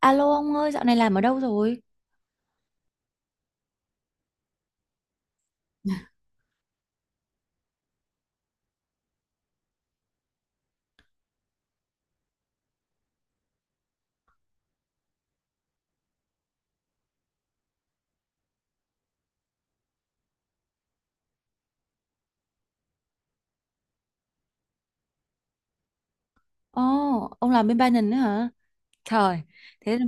Alo ông ơi, dạo này làm ở đâu rồi? Ồ, ông làm bên Binance nữa hả? Trời, thế là-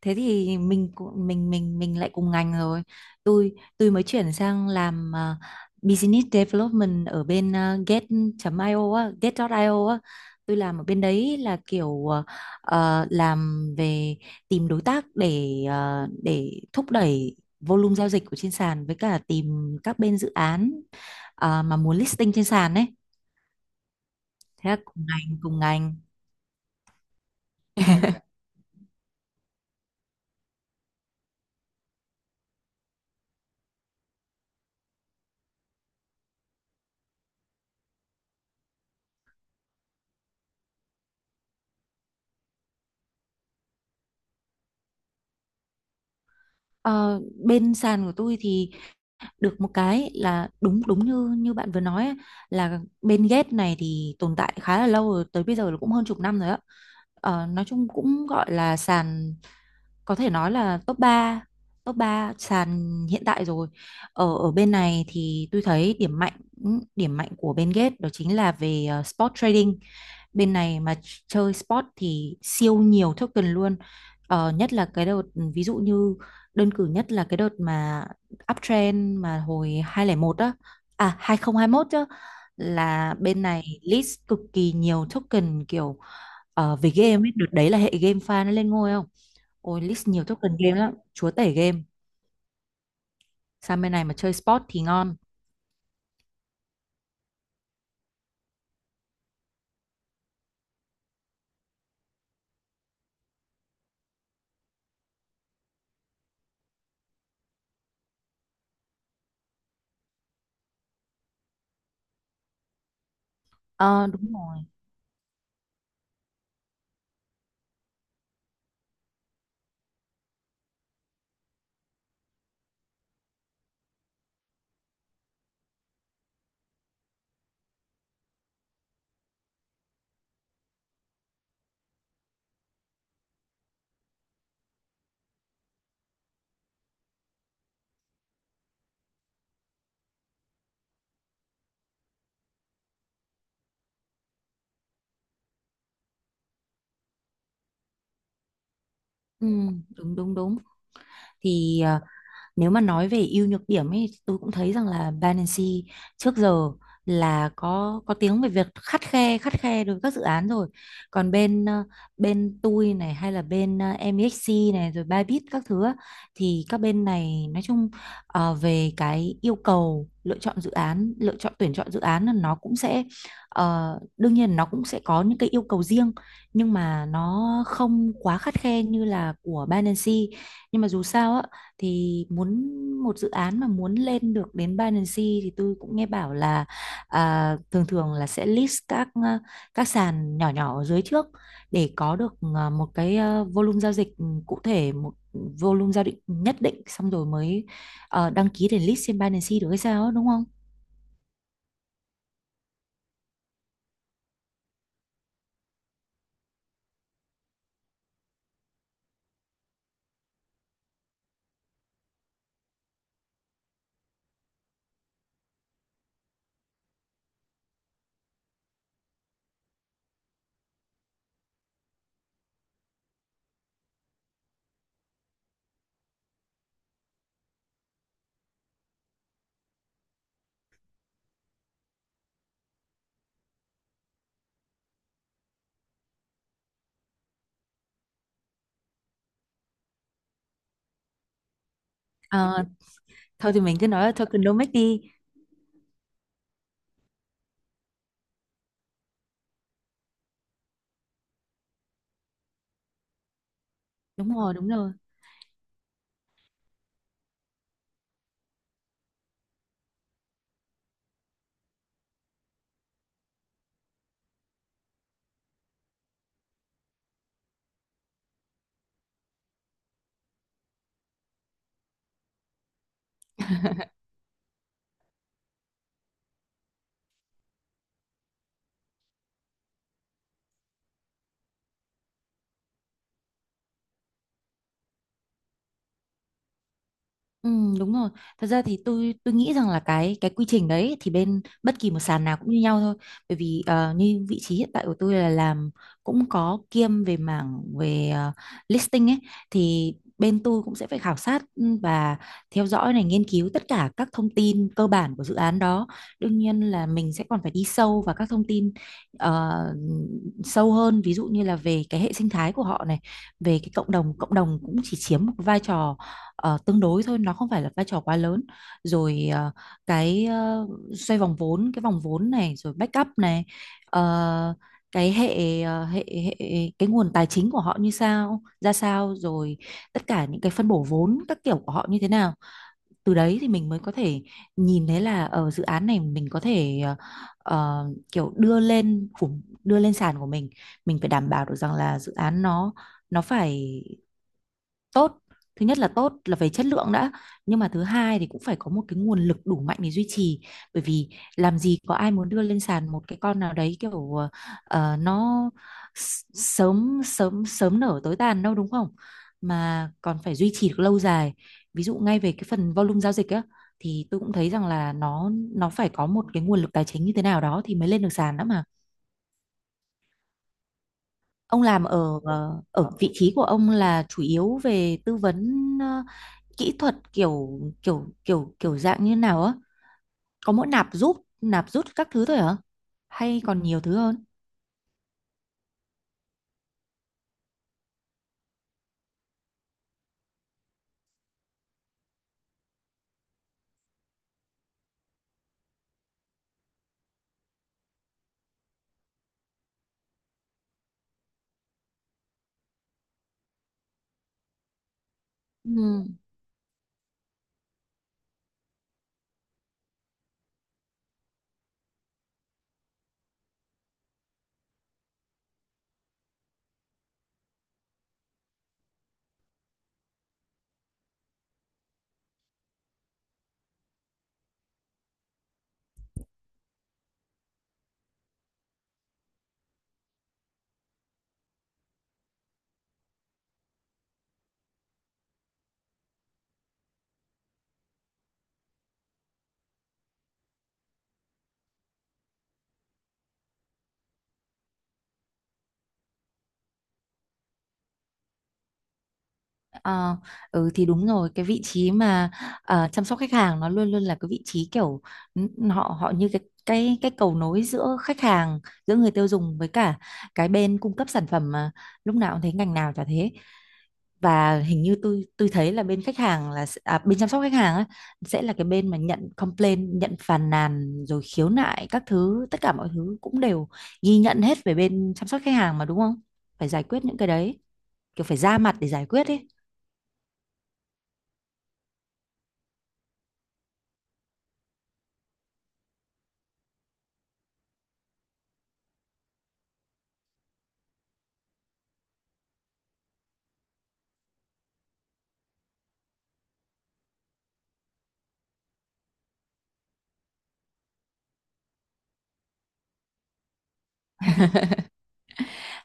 thế thì mình lại cùng ngành rồi. Tôi mới chuyển sang làm business development ở bên get.io á, get.io á. Tôi làm ở bên đấy là kiểu làm về tìm đối tác để để thúc đẩy volume giao dịch của trên sàn với cả tìm các bên dự án mà muốn listing trên sàn ấy, thế là cùng ngành. Ờ, bên sàn của tôi thì được một cái là đúng đúng như như bạn vừa nói ấy, là bên ghép này thì tồn tại khá là lâu rồi, tới bây giờ là cũng hơn chục năm rồi á. Ờ, nói chung cũng gọi là sàn, có thể nói là top ba sàn hiện tại rồi. Ở ở bên này thì tôi thấy điểm mạnh của bên Gate đó chính là về spot trading. Bên này mà chơi sport thì siêu nhiều token luôn, nhất là cái đợt, ví dụ như đơn cử nhất là cái đợt mà uptrend mà hồi 2001 á à 2021 chứ, là bên này list cực kỳ nhiều token, kiểu về game ấy, đợt đấy là hệ game fan nó lên ngôi, không ôi list nhiều token game lắm, chúa tể game. Sang bên này mà chơi sport thì ngon. Ờ đúng rồi. ừ, đúng đúng đúng thì nếu mà nói về ưu nhược điểm ấy, tôi cũng thấy rằng là Binance trước giờ là có tiếng về việc khắt khe đối với các dự án rồi. Còn bên bên tôi này hay là bên MEXC này rồi Bybit các thứ á, thì các bên này nói chung về cái yêu cầu lựa chọn dự án, lựa chọn tuyển chọn dự án là nó cũng sẽ đương nhiên nó cũng sẽ có những cái yêu cầu riêng, nhưng mà nó không quá khắt khe như là của Binance. Nhưng mà dù sao á thì muốn một dự án mà muốn lên được đến Binance thì tôi cũng nghe bảo là thường thường là sẽ list các các sàn nhỏ nhỏ ở dưới trước, để có được một cái volume giao dịch cụ thể, một volume giao dịch nhất định xong rồi mới đăng ký để list trên Binance được hay sao ấy, đúng không? Ờ, thôi thì mình cứ nói là tokenomics đi. Đúng rồi, đúng rồi. Ừ, đúng rồi. Thật ra thì tôi nghĩ rằng là cái quy trình đấy thì bên bất kỳ một sàn nào cũng như nhau thôi. Bởi vì như vị trí hiện tại của tôi là làm cũng có kiêm về mảng về listing ấy, thì bên tôi cũng sẽ phải khảo sát, ừ, và theo dõi này, nghiên cứu tất cả các thông tin cơ bản của dự án đó. Đương nhiên là mình sẽ còn phải đi sâu vào các thông tin ờ, sâu hơn, ví dụ như là về cái hệ sinh thái của họ này, về cái cộng đồng cũng chỉ chiếm một vai trò tương đối thôi, nó không phải là vai trò quá lớn, rồi cái ờ, xoay vòng vốn, cái vòng vốn này rồi backup này, ờ, cái hệ ờ, hệ hệ cái nguồn tài chính của họ như sao ra sao, rồi tất cả những cái phân bổ vốn các kiểu của họ như thế nào. Từ đấy thì mình mới có thể nhìn thấy là ở dự án này mình có thể ờ, kiểu đưa lên khủng, đưa lên sàn của mình phải đảm bảo được rằng là dự án nó phải tốt. Thứ nhất là tốt là về chất lượng đã, nhưng mà thứ hai thì cũng phải có một cái nguồn lực đủ mạnh để duy trì. Bởi vì làm gì có ai muốn đưa lên sàn một cái con nào đấy kiểu nó sớm sớm sớm nở tối tàn đâu, đúng không? Mà còn phải duy trì được lâu dài, ví dụ ngay về cái phần volume giao dịch á, thì tôi cũng thấy rằng là nó phải có một cái nguồn lực tài chính như thế nào đó thì mới lên được sàn đó mà. Ông làm ở ở vị trí của ông là chủ yếu về tư vấn kỹ thuật kiểu kiểu kiểu kiểu dạng như nào á, có mỗi nạp rút các thứ thôi hả, hay còn nhiều thứ hơn? Ừ. Ờ, ừ thì đúng rồi, cái vị trí mà chăm sóc khách hàng nó luôn luôn là cái vị trí kiểu họ họ như cái cầu nối giữa khách hàng, giữa người tiêu dùng với cả cái bên cung cấp sản phẩm mà, lúc nào cũng thấy ngành nào chả thế. Và hình như tôi thấy là bên khách hàng là bên chăm sóc khách hàng á, sẽ là cái bên mà nhận complaint, nhận phàn nàn rồi khiếu nại các thứ, tất cả mọi thứ cũng đều ghi nhận hết về bên chăm sóc khách hàng mà, đúng không? Phải giải quyết những cái đấy, kiểu phải ra mặt để giải quyết ấy.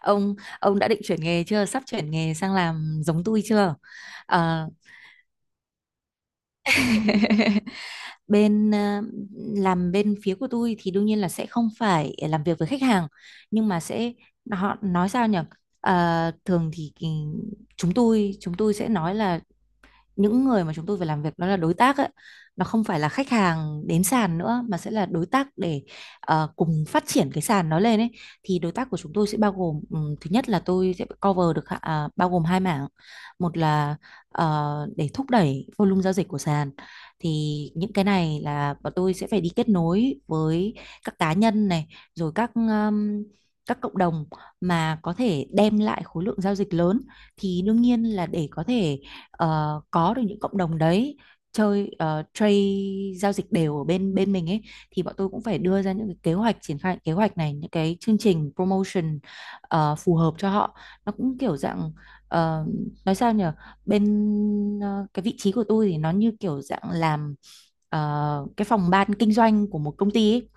Ông ông đã định chuyển nghề chưa, sắp chuyển nghề sang làm giống tôi chưa? Ờ, bên làm bên phía của tôi thì đương nhiên là sẽ không phải làm việc với khách hàng, nhưng mà sẽ họ nói sao nhỉ. Ờ, thường thì chúng tôi sẽ nói là những người mà chúng tôi phải làm việc nó là đối tác ấy, nó không phải là khách hàng đến sàn nữa, mà sẽ là đối tác để cùng phát triển cái sàn nó lên ấy. Thì đối tác của chúng tôi sẽ bao gồm, thứ nhất là tôi sẽ cover được bao gồm hai mảng. Một là để thúc đẩy volume giao dịch của sàn, thì những cái này là bọn tôi sẽ phải đi kết nối với các cá nhân này, rồi các cộng đồng mà có thể đem lại khối lượng giao dịch lớn. Thì đương nhiên là để có thể có được những cộng đồng đấy chơi trade, giao dịch đều ở bên bên mình ấy, thì bọn tôi cũng phải đưa ra những cái kế hoạch triển khai, kế hoạch này những cái chương trình promotion phù hợp cho họ. Nó cũng kiểu dạng ờ, nói sao nhỉ, bên cái vị trí của tôi thì nó như kiểu dạng làm cái phòng ban kinh doanh của một công ty ấy.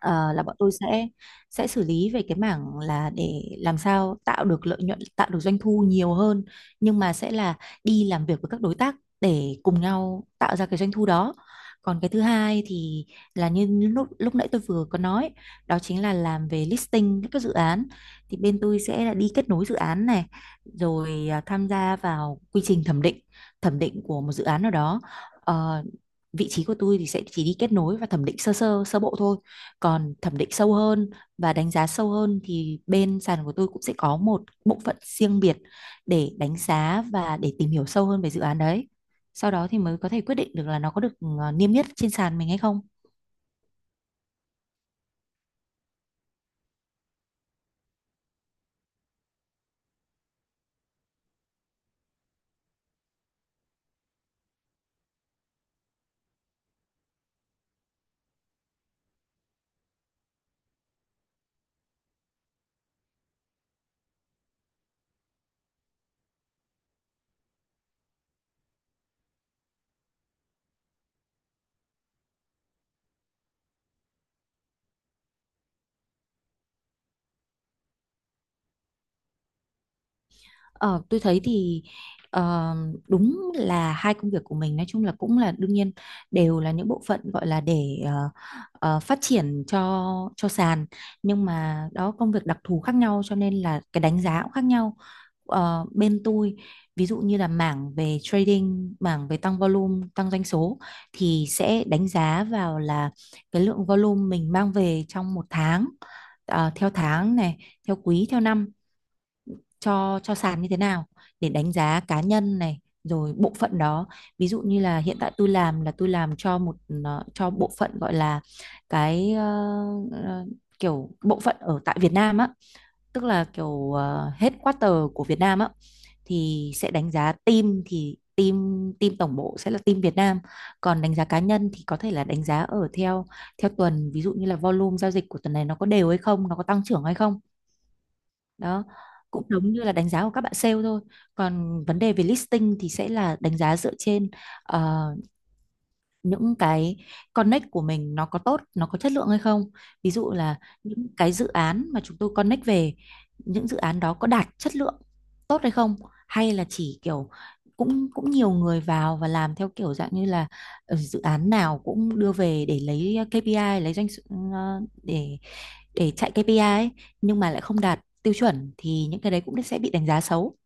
Ờ, là bọn tôi sẽ xử lý về cái mảng là để làm sao tạo được lợi nhuận, tạo được doanh thu nhiều hơn, nhưng mà sẽ là đi làm việc với các đối tác để cùng nhau tạo ra cái doanh thu đó. Còn cái thứ hai thì là như lúc lúc nãy tôi vừa có nói, đó chính là làm về listing các cái dự án. Thì bên tôi sẽ là đi kết nối dự án này, rồi à, tham gia vào quy trình thẩm định của một dự án nào đó. Ờ, vị trí của tôi thì sẽ chỉ đi kết nối và thẩm định sơ sơ sơ bộ thôi, còn thẩm định sâu hơn và đánh giá sâu hơn thì bên sàn của tôi cũng sẽ có một bộ phận riêng biệt để đánh giá và để tìm hiểu sâu hơn về dự án đấy, sau đó thì mới có thể quyết định được là nó có được niêm yết trên sàn mình hay không. Ờ, tôi thấy thì ờ, đúng là hai công việc của mình nói chung là cũng là đương nhiên đều là những bộ phận gọi là để phát triển cho sàn, nhưng mà đó công việc đặc thù khác nhau, cho nên là cái đánh giá cũng khác nhau. Ờ, bên tôi ví dụ như là mảng về trading, mảng về tăng volume, tăng doanh số thì sẽ đánh giá vào là cái lượng volume mình mang về trong một tháng, theo tháng này, theo quý, theo năm cho sàn như thế nào, để đánh giá cá nhân này rồi bộ phận đó. Ví dụ như là hiện tại tôi làm là tôi làm cho một cho bộ phận gọi là cái ờ, kiểu bộ phận ở tại Việt Nam á, tức là kiểu headquarter của Việt Nam á, thì sẽ đánh giá team, thì team team tổng bộ sẽ là team Việt Nam. Còn đánh giá cá nhân thì có thể là đánh giá ở theo theo tuần, ví dụ như là volume giao dịch của tuần này nó có đều hay không, nó có tăng trưởng hay không, đó, cũng giống như là đánh giá của các bạn sale thôi. Còn vấn đề về listing thì sẽ là đánh giá dựa trên ờ, những cái connect của mình nó có tốt, nó có chất lượng hay không. Ví dụ là những cái dự án mà chúng tôi connect về, những dự án đó có đạt chất lượng tốt hay không, hay là chỉ kiểu cũng cũng nhiều người vào và làm theo kiểu dạng như là dự án nào cũng đưa về để lấy KPI, lấy doanh số- ờ, để chạy KPI ấy, nhưng mà lại không đạt tiêu chuẩn, thì những cái đấy cũng sẽ bị đánh giá xấu.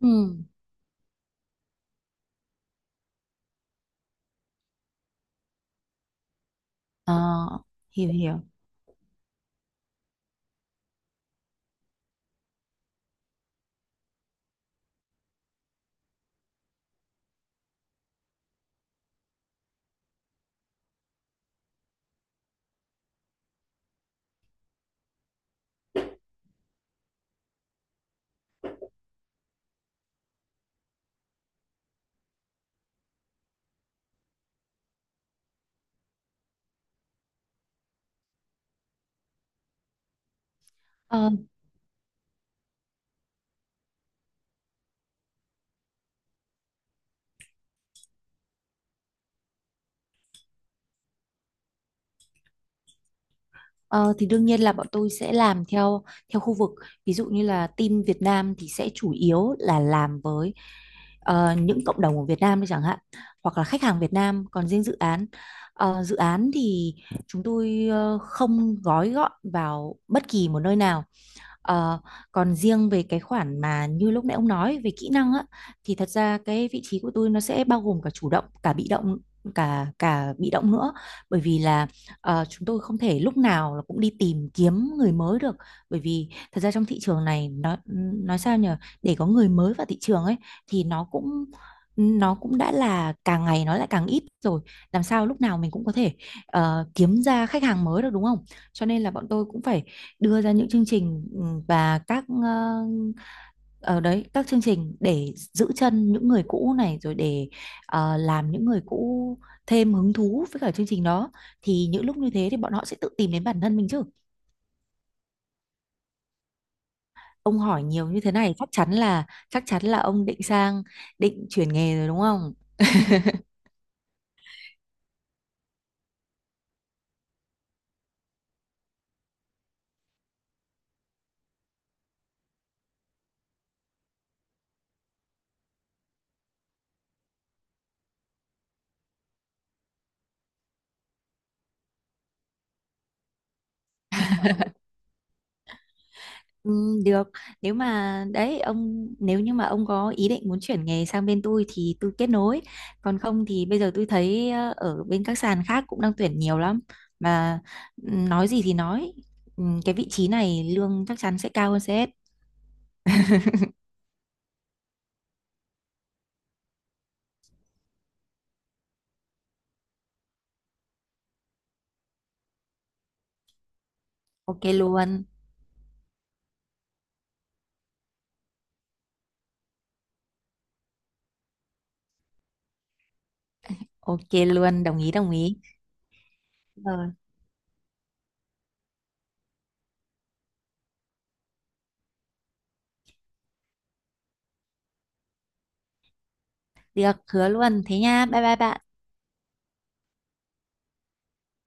Ừ. Ờ, hiểu hiểu. Ờ, ờ, thì đương nhiên là bọn tôi sẽ làm theo theo khu vực. Ví dụ như là team Việt Nam thì sẽ chủ yếu là làm với những cộng đồng ở Việt Nam đi chẳng hạn, hoặc là khách hàng Việt Nam. Còn riêng dự án, dự án thì chúng tôi không gói gọn vào bất kỳ một nơi nào. Ờ, còn riêng về cái khoản mà như lúc nãy ông nói về kỹ năng á, thì thật ra cái vị trí của tôi nó sẽ bao gồm cả chủ động cả bị động, cả cả bị động nữa. Bởi vì là chúng tôi không thể lúc nào là cũng đi tìm kiếm người mới được, bởi vì thật ra trong thị trường này nó nói sao nhỉ, để có người mới vào thị trường ấy thì nó cũng đã là càng ngày nó lại càng ít rồi, làm sao lúc nào mình cũng có thể kiếm ra khách hàng mới được, đúng không? Cho nên là bọn tôi cũng phải đưa ra những chương trình, ừ, và các ờ, ở đấy các chương trình để giữ chân những người cũ này, rồi để làm những người cũ thêm hứng thú với cả chương trình đó, thì những lúc như thế thì bọn họ sẽ tự tìm đến bản thân mình chứ. Ông hỏi nhiều như thế này chắc chắn là ông định sang định chuyển nghề rồi đúng không? Ừ, được, nếu mà đấy ông, nếu như mà ông có ý định muốn chuyển nghề sang bên tôi thì tôi kết nối, còn không thì bây giờ tôi thấy ở bên các sàn khác cũng đang tuyển nhiều lắm mà. Ừ, nói gì thì nói, ừ, cái vị trí này lương chắc chắn sẽ cao hơn CS. Ok luôn. Ok luôn, đồng ý. Rồi, được, hứa luôn thế nha, bye bye bạn.